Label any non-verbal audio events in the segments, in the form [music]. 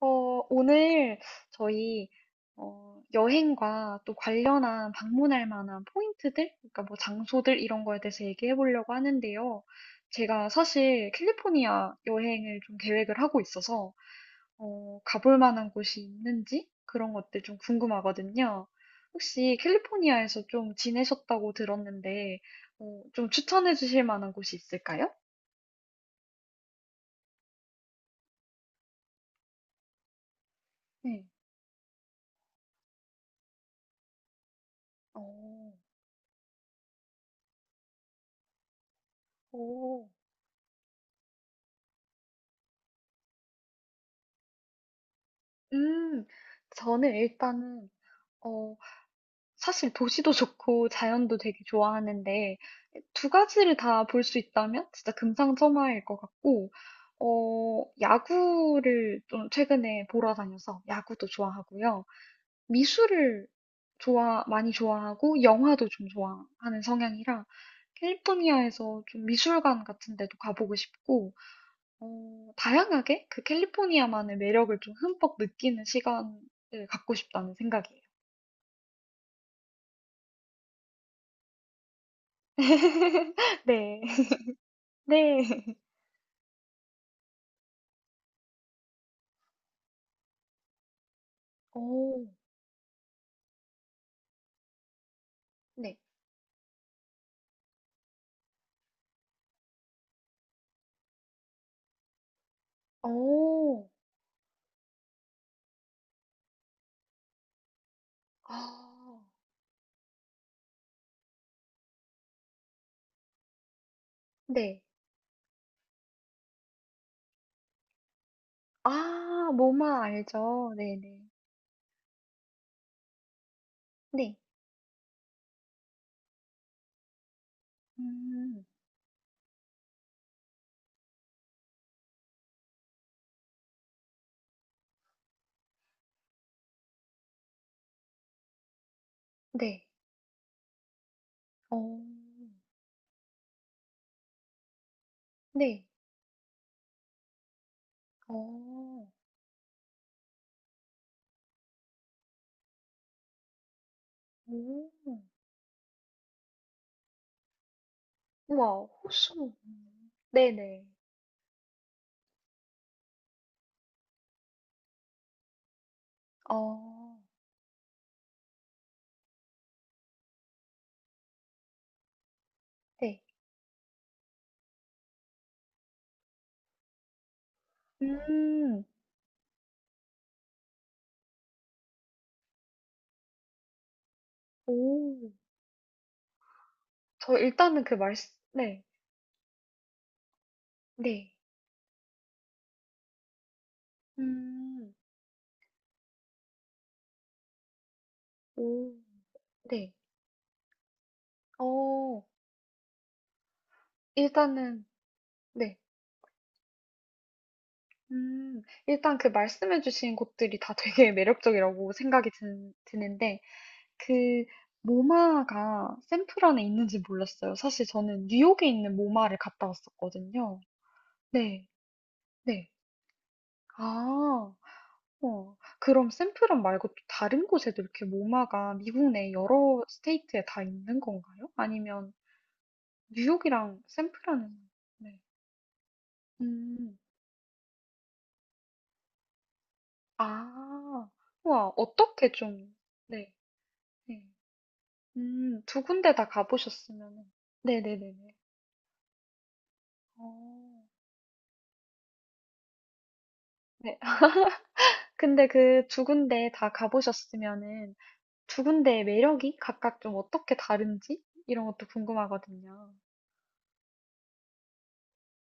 어, 오늘 저희 여행과 또 관련한 방문할 만한 포인트들, 그러니까 뭐 장소들 이런 거에 대해서 얘기해 보려고 하는데요. 제가 사실 캘리포니아 여행을 좀 계획을 하고 있어서 가볼 만한 곳이 있는지 그런 것들 좀 궁금하거든요. 혹시 캘리포니아에서 좀 지내셨다고 들었는데 좀 추천해 주실 만한 곳이 있을까요? 네. 어, 오, 음, 저는 일단은 어, 사실 도시도 좋고 자연도 되게 좋아하는데 두 가지를 다 볼 수 있다면 진짜 금상첨화일 것 같고 야구를 좀 최근에 보러 다녀서 야구도 좋아하고요. 미술을 좋아 많이 좋아하고 영화도 좀 좋아하는 성향이라 캘리포니아에서 좀 미술관 같은 데도 가보고 싶고 다양하게 그 캘리포니아만의 매력을 좀 흠뻑 느끼는 시간을 갖고 싶다는 생각이에요. [laughs] 네. 네. [laughs] 오 네. 오 아. 네. 아 모마 알죠. 네네. 네. 음. 네. 오 네. 오. 오. 우와. 호수. 음. 네네. 어. 네. 음. 오. 저 일단은 그 말씀 네. 네. 음. 오. 네. 어. 일단은 네. 일단 그 말씀해주신 곳들이 다 되게 [laughs] 매력적이라고 생각이 드는데, 그 모마가 샌프란에 있는지 몰랐어요. 사실 저는 뉴욕에 있는 모마를 갔다 왔었거든요. 네, 네. 아, 어. 그럼 샌프란 말고 또 다른 곳에도 이렇게 모마가 미국 내 여러 스테이트에 다 있는 건가요? 아니면 뉴욕이랑 샌프란은, 네. 음, 아, 우와, 어떻게 좀, 네, 네. 두 군데 다 가보셨으면 네네네네. 어. 네. [laughs] 근데 그 두 군데 다 가보셨으면은 두 군데의 매력이 각각 좀 어떻게 다른지 이런 것도 궁금하거든요.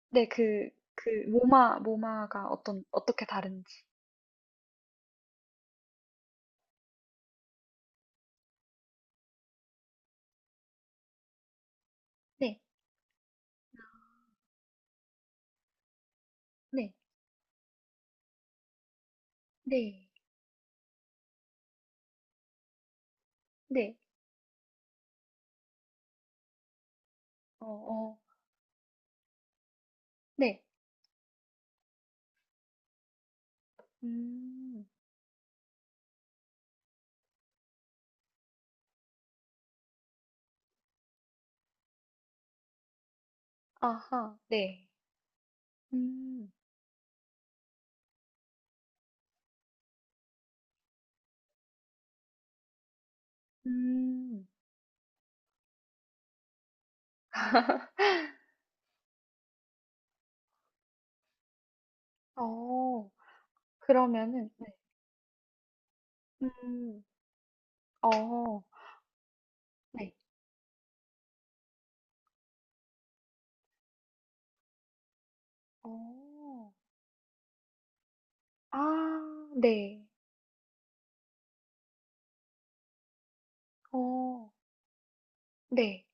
네, 그, 그 모마, 모마가 어떻게 다른지. 네, 네, 네, 네. 어, 어, 네. 음, 아하, 네. 음, 음. [laughs] 어, 그러면은, 네. 음, 어, 네. 어. 아 네. 어. 네.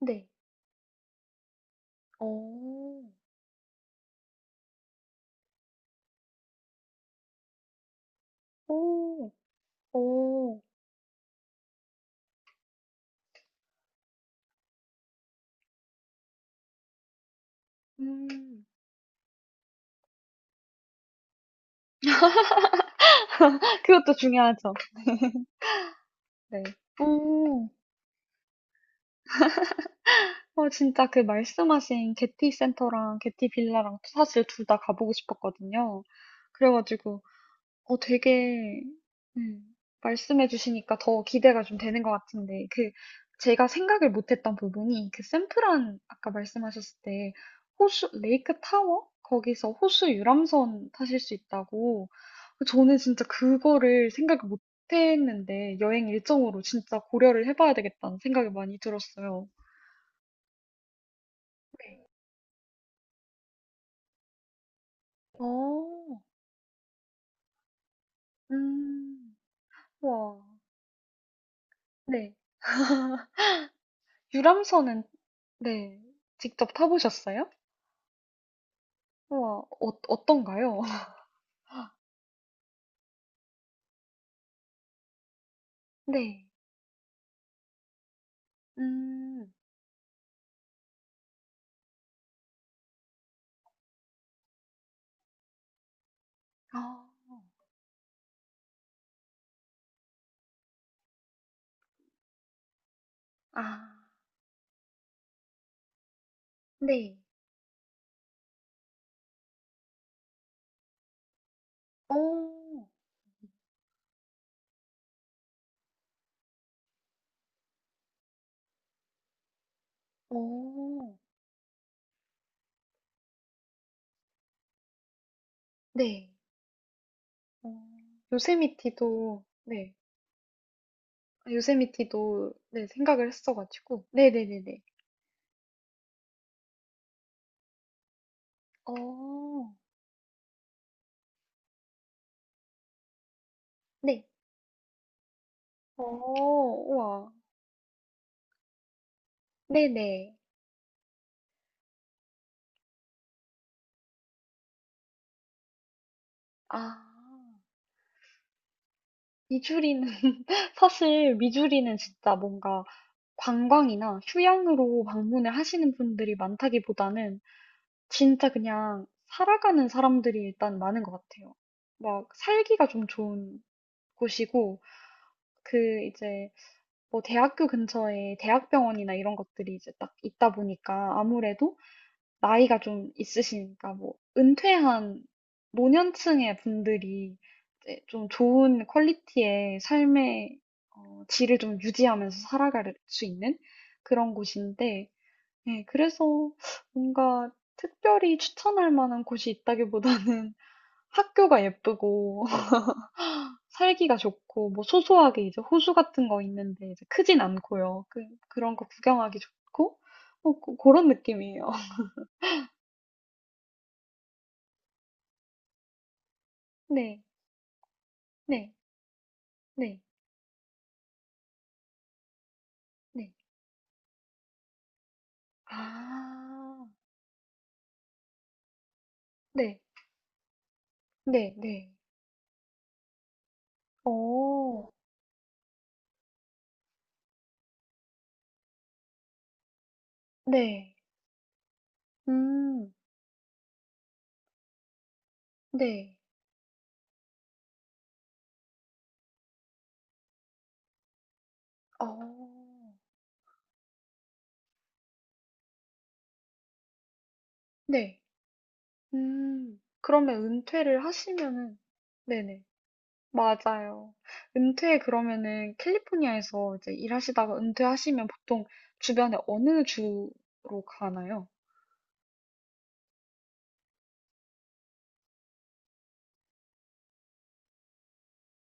네. 어. 오. 오. 음. [laughs] 그것도 중요하죠. 네. 오. 진짜 그 말씀하신 게티 센터랑 게티 빌라랑 사실 둘 다 가보고 싶었거든요. 그래 가지고 되게, 음, 말씀해 주시니까 더 기대가 좀 되는 것 같은데, 그, 제가 생각을 못 했던 부분이, 그 샌프란, 아까 말씀하셨을 때, 호수, 레이크 타워? 거기서 호수 유람선 타실 수 있다고. 저는 진짜 그거를 생각을 못 했는데, 여행 일정으로 진짜 고려를 해봐야 되겠다는 생각이 많이 들었어요. 네. 어, 음, 와. 네. 유람선은, 네. 직접 타보셨어요? 우와, 어떤가요? [laughs] 네. 음, 아, 아, 네. 오, 오, 네. 어, 요세미티도, 네. 아, 요세미티도, 네, 생각을 했어가지고. 네네네네. 어, 네. 어, 우와. 네네. 아, 미주리는, [laughs] 사실 미주리는 진짜 뭔가 관광이나 휴양으로 방문을 하시는 분들이 많다기보다는 진짜 그냥 살아가는 사람들이 일단 많은 것 같아요. 막 살기가 좀 좋은 곳이고, 그 이제 뭐 대학교 근처에 대학병원이나 이런 것들이 이제 딱 있다 보니까 아무래도 나이가 좀 있으시니까 뭐 은퇴한 노년층의 분들이 이제 좀 좋은 퀄리티의 삶의 질을 좀 유지하면서 살아갈 수 있는 그런 곳인데, 네, 그래서 뭔가 특별히 추천할 만한 곳이 있다기보다는 [laughs] 학교가 예쁘고 [laughs] 살기가 좋고 뭐 소소하게 이제 호수 같은 거 있는데 이제 크진 않고요. 그런 거 구경하기 좋고 뭐 그런 느낌이에요. [laughs] 네, 네, 네, 네. 아, 네, 네, 네. 오, 네, 음, 네, 어, 네, 그러면 은퇴를 하시면은 네네. 맞아요. 은퇴 그러면은 캘리포니아에서 이제 일하시다가 은퇴하시면 보통 주변에 어느 주로 가나요?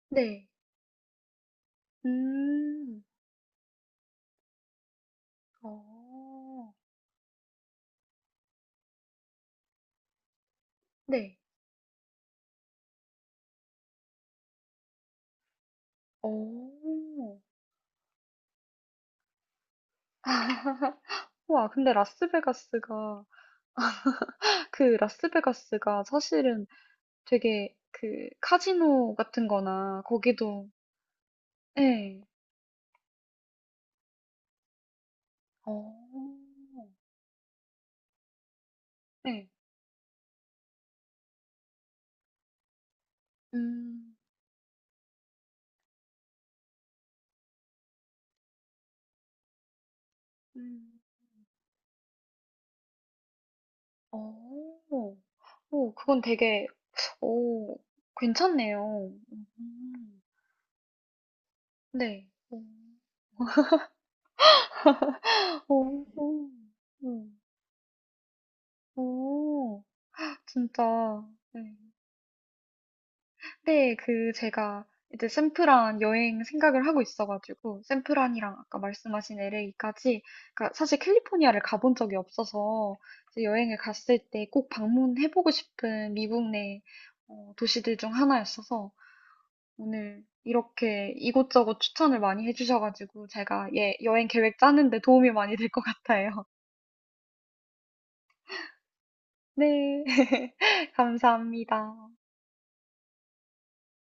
네. 음. 어. 네. 어. 와, 근데 라스베가스가 사실은 되게 그 카지노 같은 거나 거기도 네. 어. 네. 음. 음. 어. 오, 그건 되게 오, 괜찮네요. 네. 오, 오, 오, 오, 진짜. 네. 근데 그 제가 이제 샌프란 여행 생각을 하고 있어가지고 샌프란이랑 아까 말씀하신 LA까지 그러니까 사실 캘리포니아를 가본 적이 없어서 이제 여행을 갔을 때 꼭 방문해보고 싶은 미국 내 도시들 중 하나였어서 오늘 이렇게 이곳저곳 추천을 많이 해주셔가지고 제가 예, 여행 계획 짜는데 도움이 많이 될 것 같아요. [laughs] 네, [laughs] 감사합니다.